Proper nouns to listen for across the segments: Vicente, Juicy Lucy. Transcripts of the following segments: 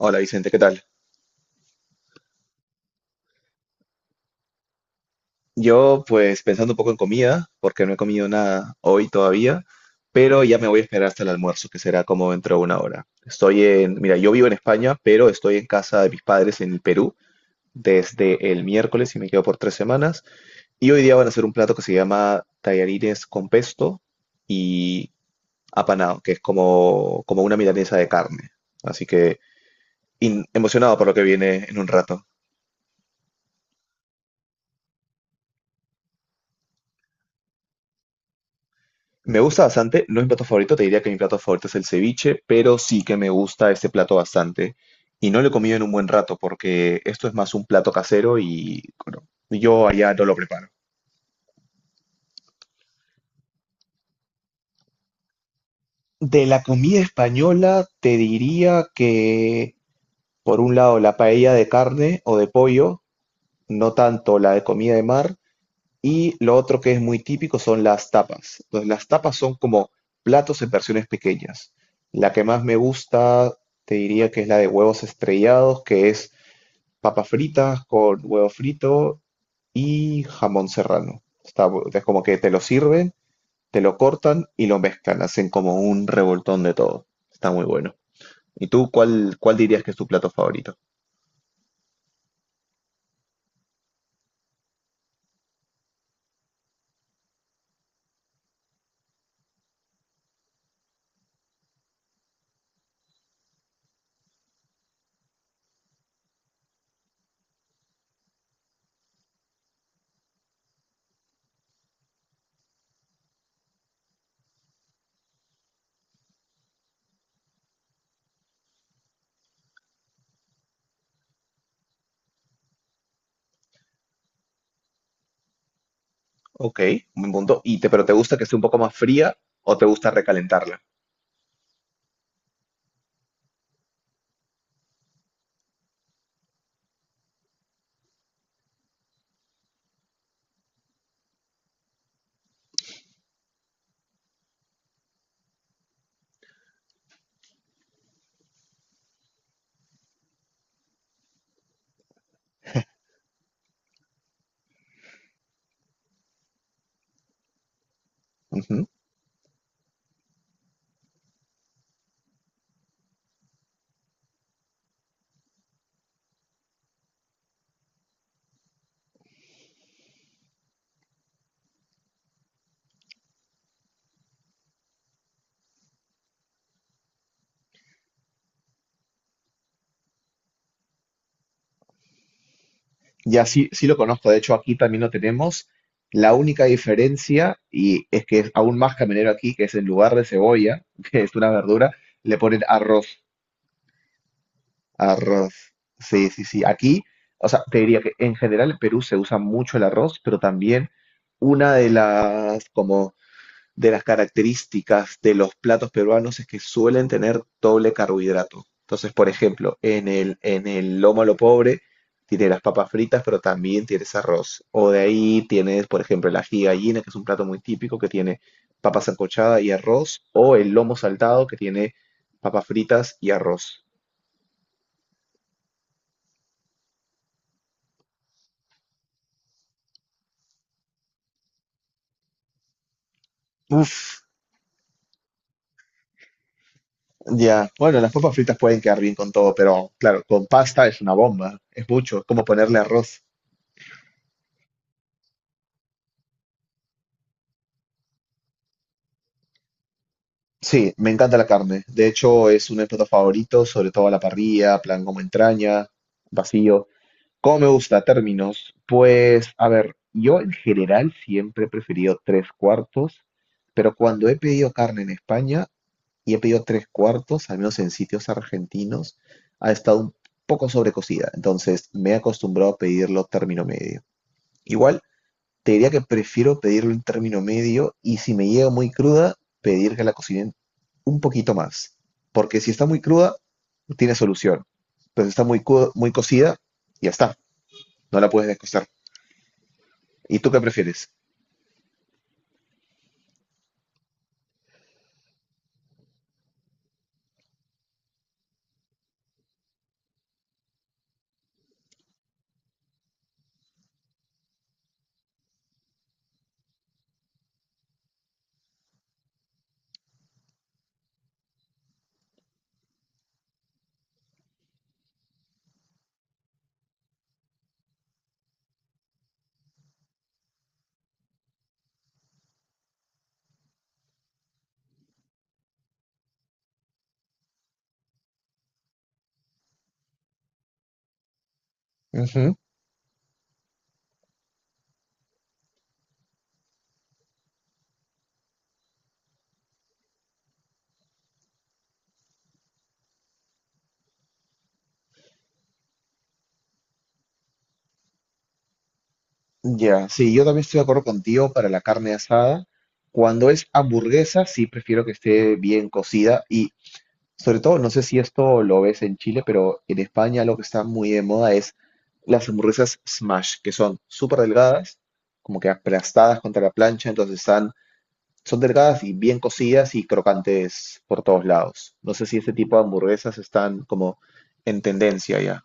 Hola Vicente, ¿qué tal? Yo pues pensando un poco en comida, porque no he comido nada hoy todavía, pero ya me voy a esperar hasta el almuerzo, que será como dentro de una hora. Estoy mira, yo vivo en España, pero estoy en casa de mis padres en Perú desde el miércoles y me quedo por 3 semanas. Y hoy día van a hacer un plato que se llama tallarines con pesto y apanado, que es como una milanesa de carne. Así que emocionado por lo que viene en un rato. Me gusta bastante, no es mi plato favorito, te diría que mi plato favorito es el ceviche, pero sí que me gusta este plato bastante. Y no lo he comido en un buen rato porque esto es más un plato casero y bueno, yo allá no lo preparo. De la comida española te diría que por un lado la paella de carne o de pollo, no tanto la de comida de mar, y lo otro que es muy típico son las tapas. Entonces, las tapas son como platos en versiones pequeñas. La que más me gusta, te diría que es la de huevos estrellados, que es papas fritas con huevo frito y jamón serrano. Está, es como que te lo sirven, te lo cortan y lo mezclan, hacen como un revoltón de todo. Está muy bueno. ¿Y tú cuál dirías que es tu plato favorito? Ok, un buen punto. ¿Y pero te gusta que esté un poco más fría o te gusta recalentarla? Ya, sí, sí lo conozco, de hecho aquí también lo tenemos. La única diferencia, y es que es aún más caminero aquí, que es en lugar de cebolla, que es una verdura, le ponen arroz. Arroz. Sí, sí, sí. Aquí, o sea, te diría que en general en Perú se usa mucho el arroz, pero también una de las como de las características de los platos peruanos es que suelen tener doble carbohidrato. Entonces, por ejemplo, en en el lomo a lo pobre tiene las papas fritas, pero también tienes arroz. O de ahí tienes, por ejemplo, el ají de gallina, que es un plato muy típico que tiene papa sancochada y arroz, o el lomo saltado que tiene papas fritas y arroz. Uf, ya. Bueno, las papas fritas pueden quedar bien con todo, pero claro, con pasta es una bomba, es mucho, es como ponerle arroz. Sí, me encanta la carne. De hecho, es uno de mis platos favoritos, sobre todo a la parrilla, plan como entraña, vacío. ¿Cómo me gusta? Términos. Pues, a ver, yo en general siempre he preferido tres cuartos, pero cuando he pedido carne en España y he pedido tres cuartos, al menos en sitios argentinos, ha estado un poco sobrecocida. Entonces, me he acostumbrado a pedirlo término medio. Igual te diría que prefiero pedirlo en término medio y si me llega muy cruda, pedir que la cocinen un poquito más. Porque si está muy cruda, tiene solución. Pero si está muy, muy cocida, ya está, no la puedes descostar. ¿Y tú qué prefieres? Ujú. Ya, sí, yo también estoy de acuerdo contigo para la carne asada. Cuando es hamburguesa, sí prefiero que esté bien cocida. Y sobre todo, no sé si esto lo ves en Chile, pero en España lo que está muy de moda es las hamburguesas smash, que son súper delgadas, como que aplastadas contra la plancha, entonces son delgadas y bien cocidas y crocantes por todos lados. No sé si este tipo de hamburguesas están como en tendencia ya.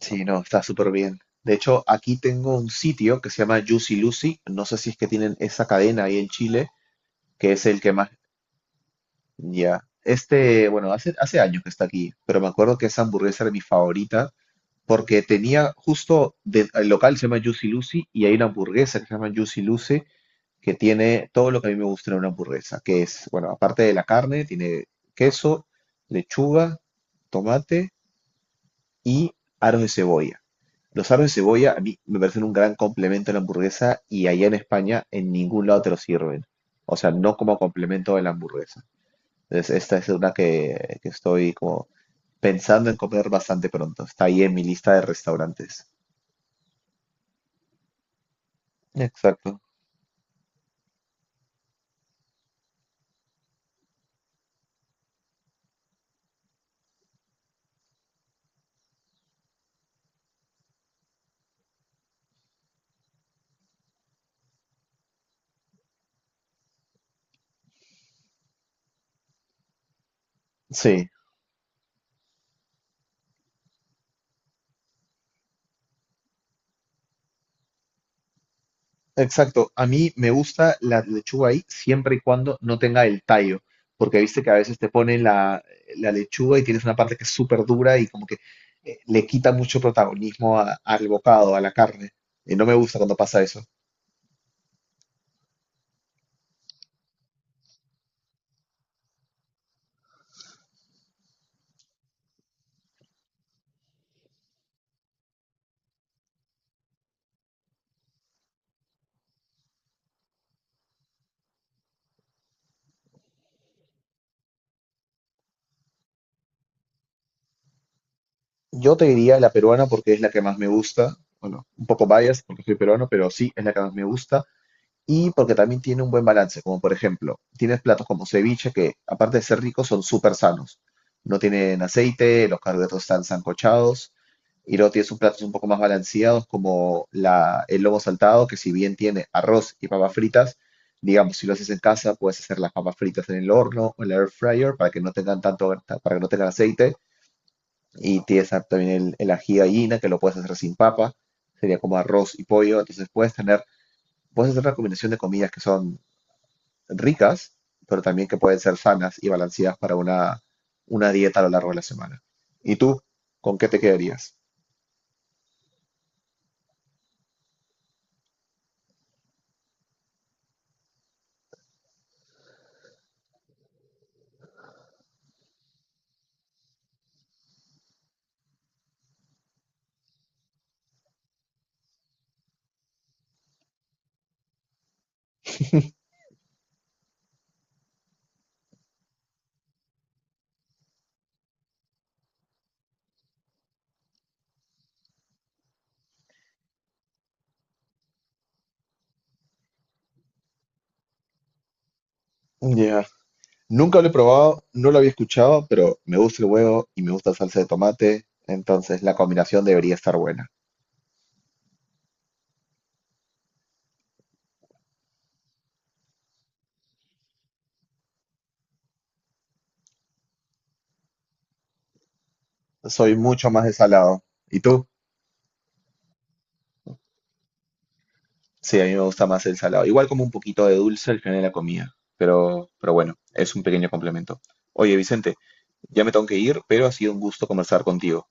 Sí, no, está súper bien. De hecho, aquí tengo un sitio que se llama Juicy Lucy. No sé si es que tienen esa cadena ahí en Chile, que es el que más. Ya. Este, bueno, hace años que está aquí, pero me acuerdo que esa hamburguesa era mi favorita porque tenía justo el local se llama Juicy Lucy y hay una hamburguesa que se llama Juicy Lucy que tiene todo lo que a mí me gusta en una hamburguesa, que es, bueno, aparte de la carne, tiene queso, lechuga, tomate y aros de cebolla. Los aros de cebolla a mí me parecen un gran complemento a la hamburguesa y allá en España en ningún lado te lo sirven. O sea, no como complemento de la hamburguesa. Entonces, esta es una que estoy como pensando en comer bastante pronto. Está ahí en mi lista de restaurantes. Exacto. Sí, exacto. A mí me gusta la lechuga ahí siempre y cuando no tenga el tallo, porque viste que a veces te ponen la lechuga y tienes una parte que es súper dura y como que le quita mucho protagonismo al bocado, a la carne. Y no me gusta cuando pasa eso. Yo te diría la peruana porque es la que más me gusta. Bueno, un poco biased porque soy peruano, pero sí, es la que más me gusta. Y porque también tiene un buen balance, como por ejemplo, tienes platos como ceviche que, aparte de ser ricos, son súper sanos. No tienen aceite, los carbohidratos están sancochados, y luego tienes un platos un poco más balanceados como el lomo saltado, que si bien tiene arroz y papas fritas, digamos, si lo haces en casa, puedes hacer las papas fritas en el horno o en la air fryer para que no tengan tanto, para que no tengan aceite. Y tienes también el ají de gallina, que lo puedes hacer sin papa, sería como arroz y pollo. Entonces puedes tener, puedes hacer una combinación de comidas que son ricas, pero también que pueden ser sanas y balanceadas para una dieta a lo largo de la semana. ¿Y tú, con qué te quedarías? Ya. Nunca lo he probado, no lo había escuchado, pero me gusta el huevo y me gusta la salsa de tomate, entonces la combinación debería estar buena. Soy mucho más de salado. ¿Y tú? Sí, a mí me gusta más el salado. Igual como un poquito de dulce al final de la comida, pero bueno, es un pequeño complemento. Oye, Vicente, ya me tengo que ir, pero ha sido un gusto conversar contigo.